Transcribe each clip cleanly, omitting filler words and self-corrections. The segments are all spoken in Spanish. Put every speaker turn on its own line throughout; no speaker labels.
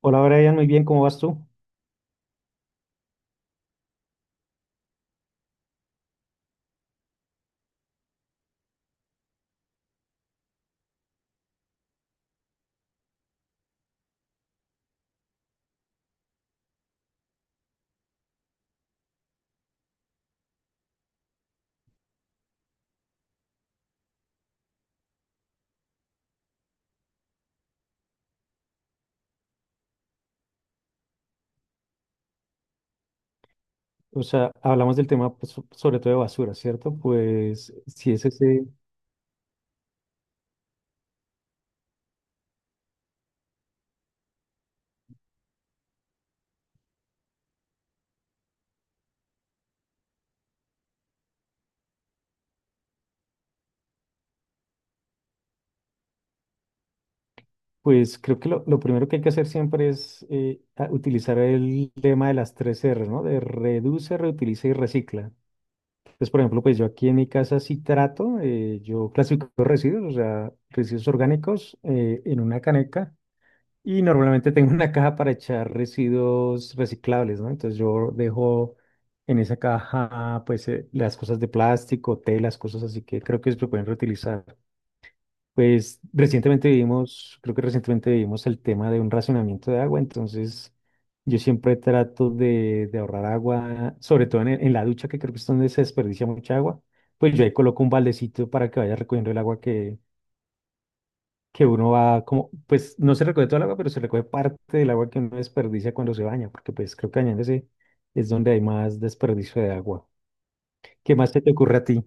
Hola Brian, muy bien, ¿cómo vas tú? O sea, hablamos del tema pues, sobre todo de basura, ¿cierto? Pues si es ese, pues creo que lo primero que hay que hacer siempre es utilizar el lema de las tres R, ¿no? De reduce, reutiliza y recicla. Entonces, por ejemplo, pues yo aquí en mi casa sí trato, yo clasifico residuos, o sea, residuos orgánicos en una caneca. Y normalmente tengo una caja para echar residuos reciclables, ¿no? Entonces yo dejo en esa caja, pues, las cosas de plástico, telas, cosas así que creo que se pueden reutilizar. Pues recientemente vivimos, creo que recientemente vivimos el tema de un racionamiento de agua, entonces yo siempre trato de ahorrar agua, sobre todo en la ducha, que creo que es donde se desperdicia mucha agua. Pues yo ahí coloco un baldecito para que vaya recogiendo el agua que uno va como, pues no se recoge todo el agua, pero se recoge parte del agua que uno desperdicia cuando se baña, porque pues creo que bañándose es donde hay más desperdicio de agua. ¿Qué más se te ocurre a ti?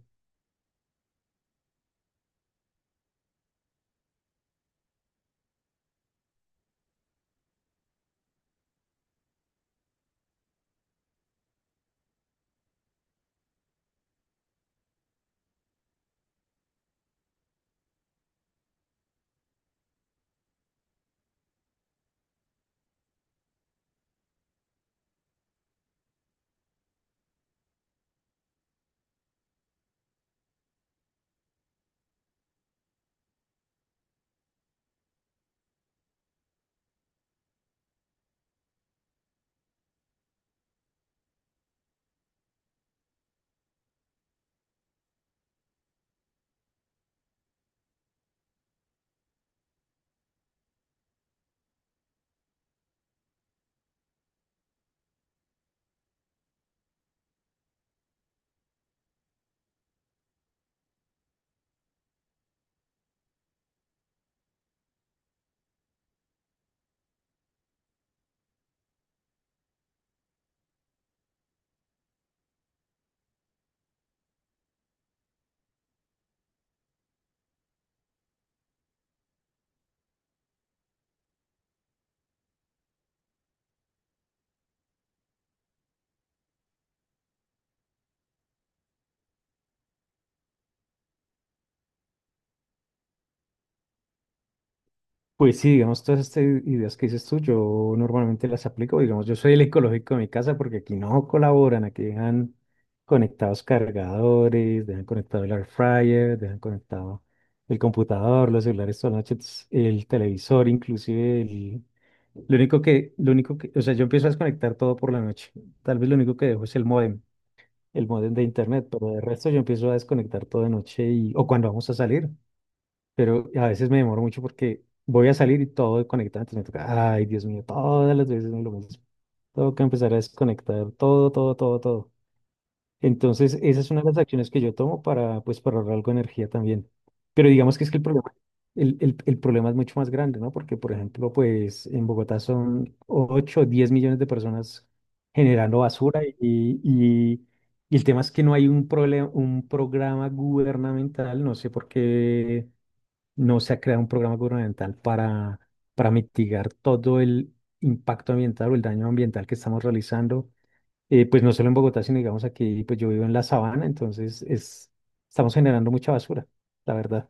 Pues sí, digamos, todas estas ideas que dices tú, yo normalmente las aplico. Digamos, yo soy el ecológico de mi casa porque aquí no colaboran, aquí dejan conectados cargadores, dejan conectado el air fryer, dejan conectado el computador, los celulares toda la noche, el televisor, inclusive el... Lo único que, o sea, yo empiezo a desconectar todo por la noche. Tal vez lo único que dejo es el módem de internet, pero de resto yo empiezo a desconectar todo de noche y, o cuando vamos a salir, pero a veces me demoro mucho porque voy a salir y todo desconectado, entonces me toca, ay, Dios mío, todas las veces es lo mismo. Tengo que empezar a desconectar todo, todo, todo, todo. Entonces, esa es una de las acciones que yo tomo para, pues, para ahorrar algo de energía también. Pero digamos que es que el problema, el problema es mucho más grande, ¿no? Porque, por ejemplo, pues en Bogotá son 8 o 10 millones de personas generando basura y, y el tema es que no hay un programa gubernamental, no sé por qué no se ha creado un programa gubernamental para mitigar todo el impacto ambiental o el daño ambiental que estamos realizando, pues no solo en Bogotá, sino digamos aquí, pues yo vivo en la sabana, entonces estamos generando mucha basura, la verdad.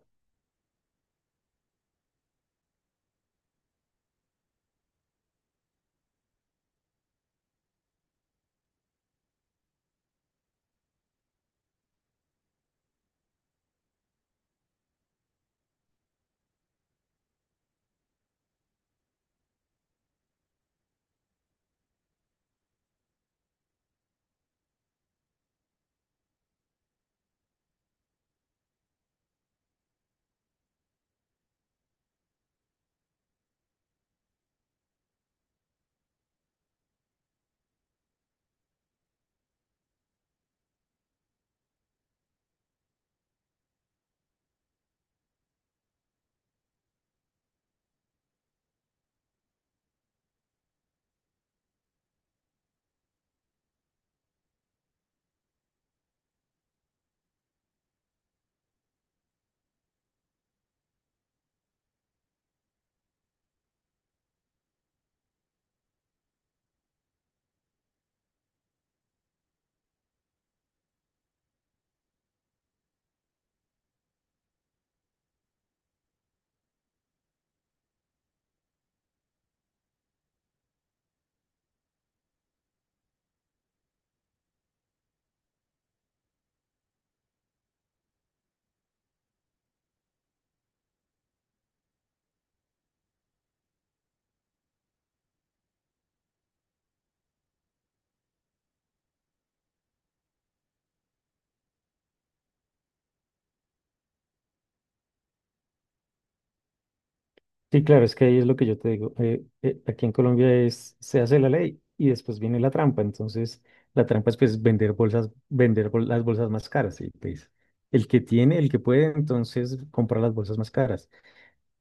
Sí, claro, es que ahí es lo que yo te digo. Aquí en Colombia se hace la ley y después viene la trampa. Entonces, la trampa es pues vender bolsas, las bolsas más caras. Y pues el que tiene, el que puede, entonces compra las bolsas más caras.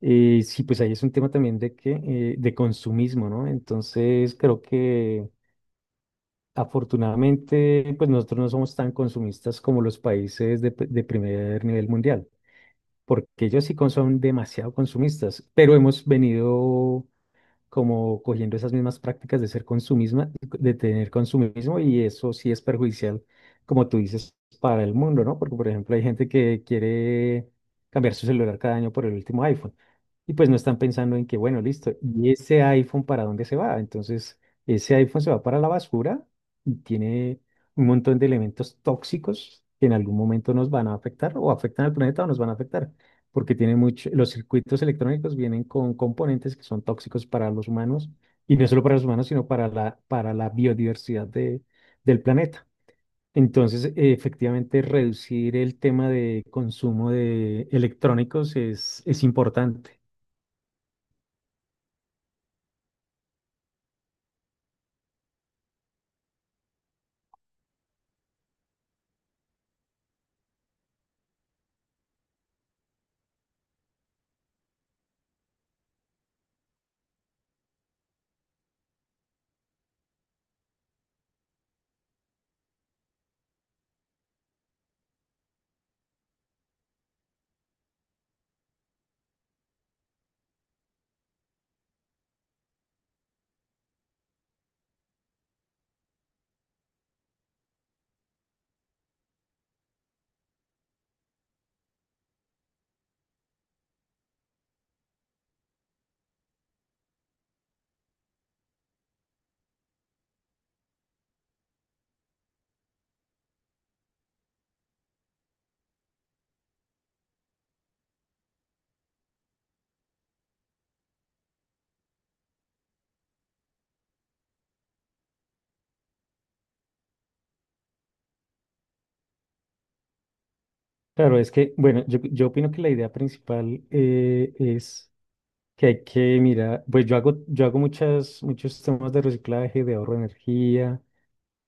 Sí, pues ahí es un tema también de que de consumismo, ¿no? Entonces creo que afortunadamente, pues nosotros no somos tan consumistas como los países de primer nivel mundial, porque ellos sí son demasiado consumistas, pero hemos venido como cogiendo esas mismas prácticas de ser consumismo, de tener consumismo, y eso sí es perjudicial, como tú dices, para el mundo, ¿no? Porque, por ejemplo, hay gente que quiere cambiar su celular cada año por el último iPhone, y pues no están pensando en que, bueno, listo, ¿y ese iPhone para dónde se va? Entonces, ese iPhone se va para la basura y tiene un montón de elementos tóxicos que en algún momento nos van a afectar o afectan al planeta o nos van a afectar porque tiene mucho, los circuitos electrónicos vienen con componentes que son tóxicos para los humanos, y no solo para los humanos, sino para la biodiversidad del planeta. Entonces, efectivamente, reducir el tema de consumo de electrónicos es importante. Claro, es que, bueno, yo opino que la idea principal es que hay que mirar, pues yo hago muchos temas de reciclaje, de ahorro de energía,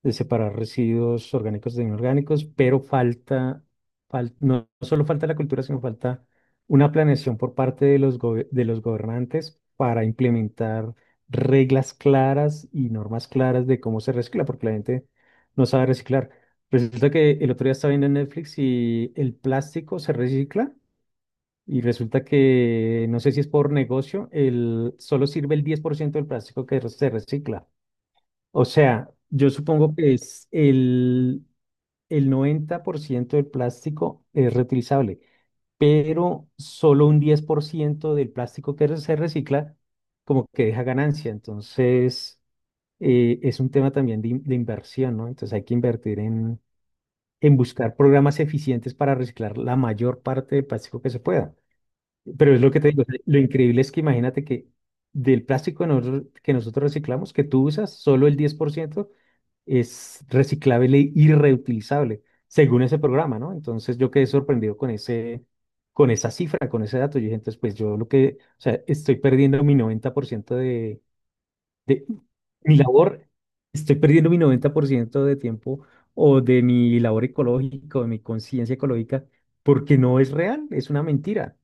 de separar residuos orgánicos de inorgánicos, pero falta, no solo falta la cultura, sino falta una planeación por parte de los gobernantes para implementar reglas claras y normas claras de cómo se recicla, porque la gente no sabe reciclar. Resulta que el otro día estaba viendo en Netflix y el plástico se recicla y resulta que, no sé si es por negocio, el, solo sirve el 10% del plástico que se recicla. O sea, yo supongo que es el 90% del plástico es reutilizable, pero solo un 10% del plástico que se recicla como que deja ganancia. Entonces, es un tema también de inversión, ¿no? Entonces hay que invertir en buscar programas eficientes para reciclar la mayor parte del plástico que se pueda. Pero es lo que te digo, o sea, lo increíble es que imagínate que del plástico que nosotros reciclamos, que tú usas, solo el 10% es reciclable y reutilizable, según ese programa, ¿no? Entonces yo quedé sorprendido con esa cifra, con ese dato. Yo dije, entonces, pues yo lo que, o sea, estoy perdiendo mi 90% de mi labor, estoy perdiendo mi 90% de tiempo o de mi labor ecológica, o de mi conciencia ecológica, porque no es real, es una mentira.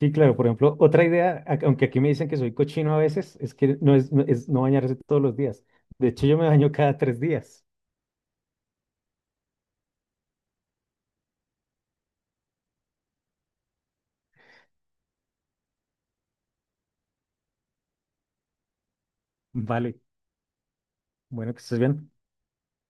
Sí, claro, por ejemplo, otra idea, aunque aquí me dicen que soy cochino a veces, es que no es no bañarse todos los días. De hecho, yo me baño cada 3 días. Vale. Bueno, que estés bien.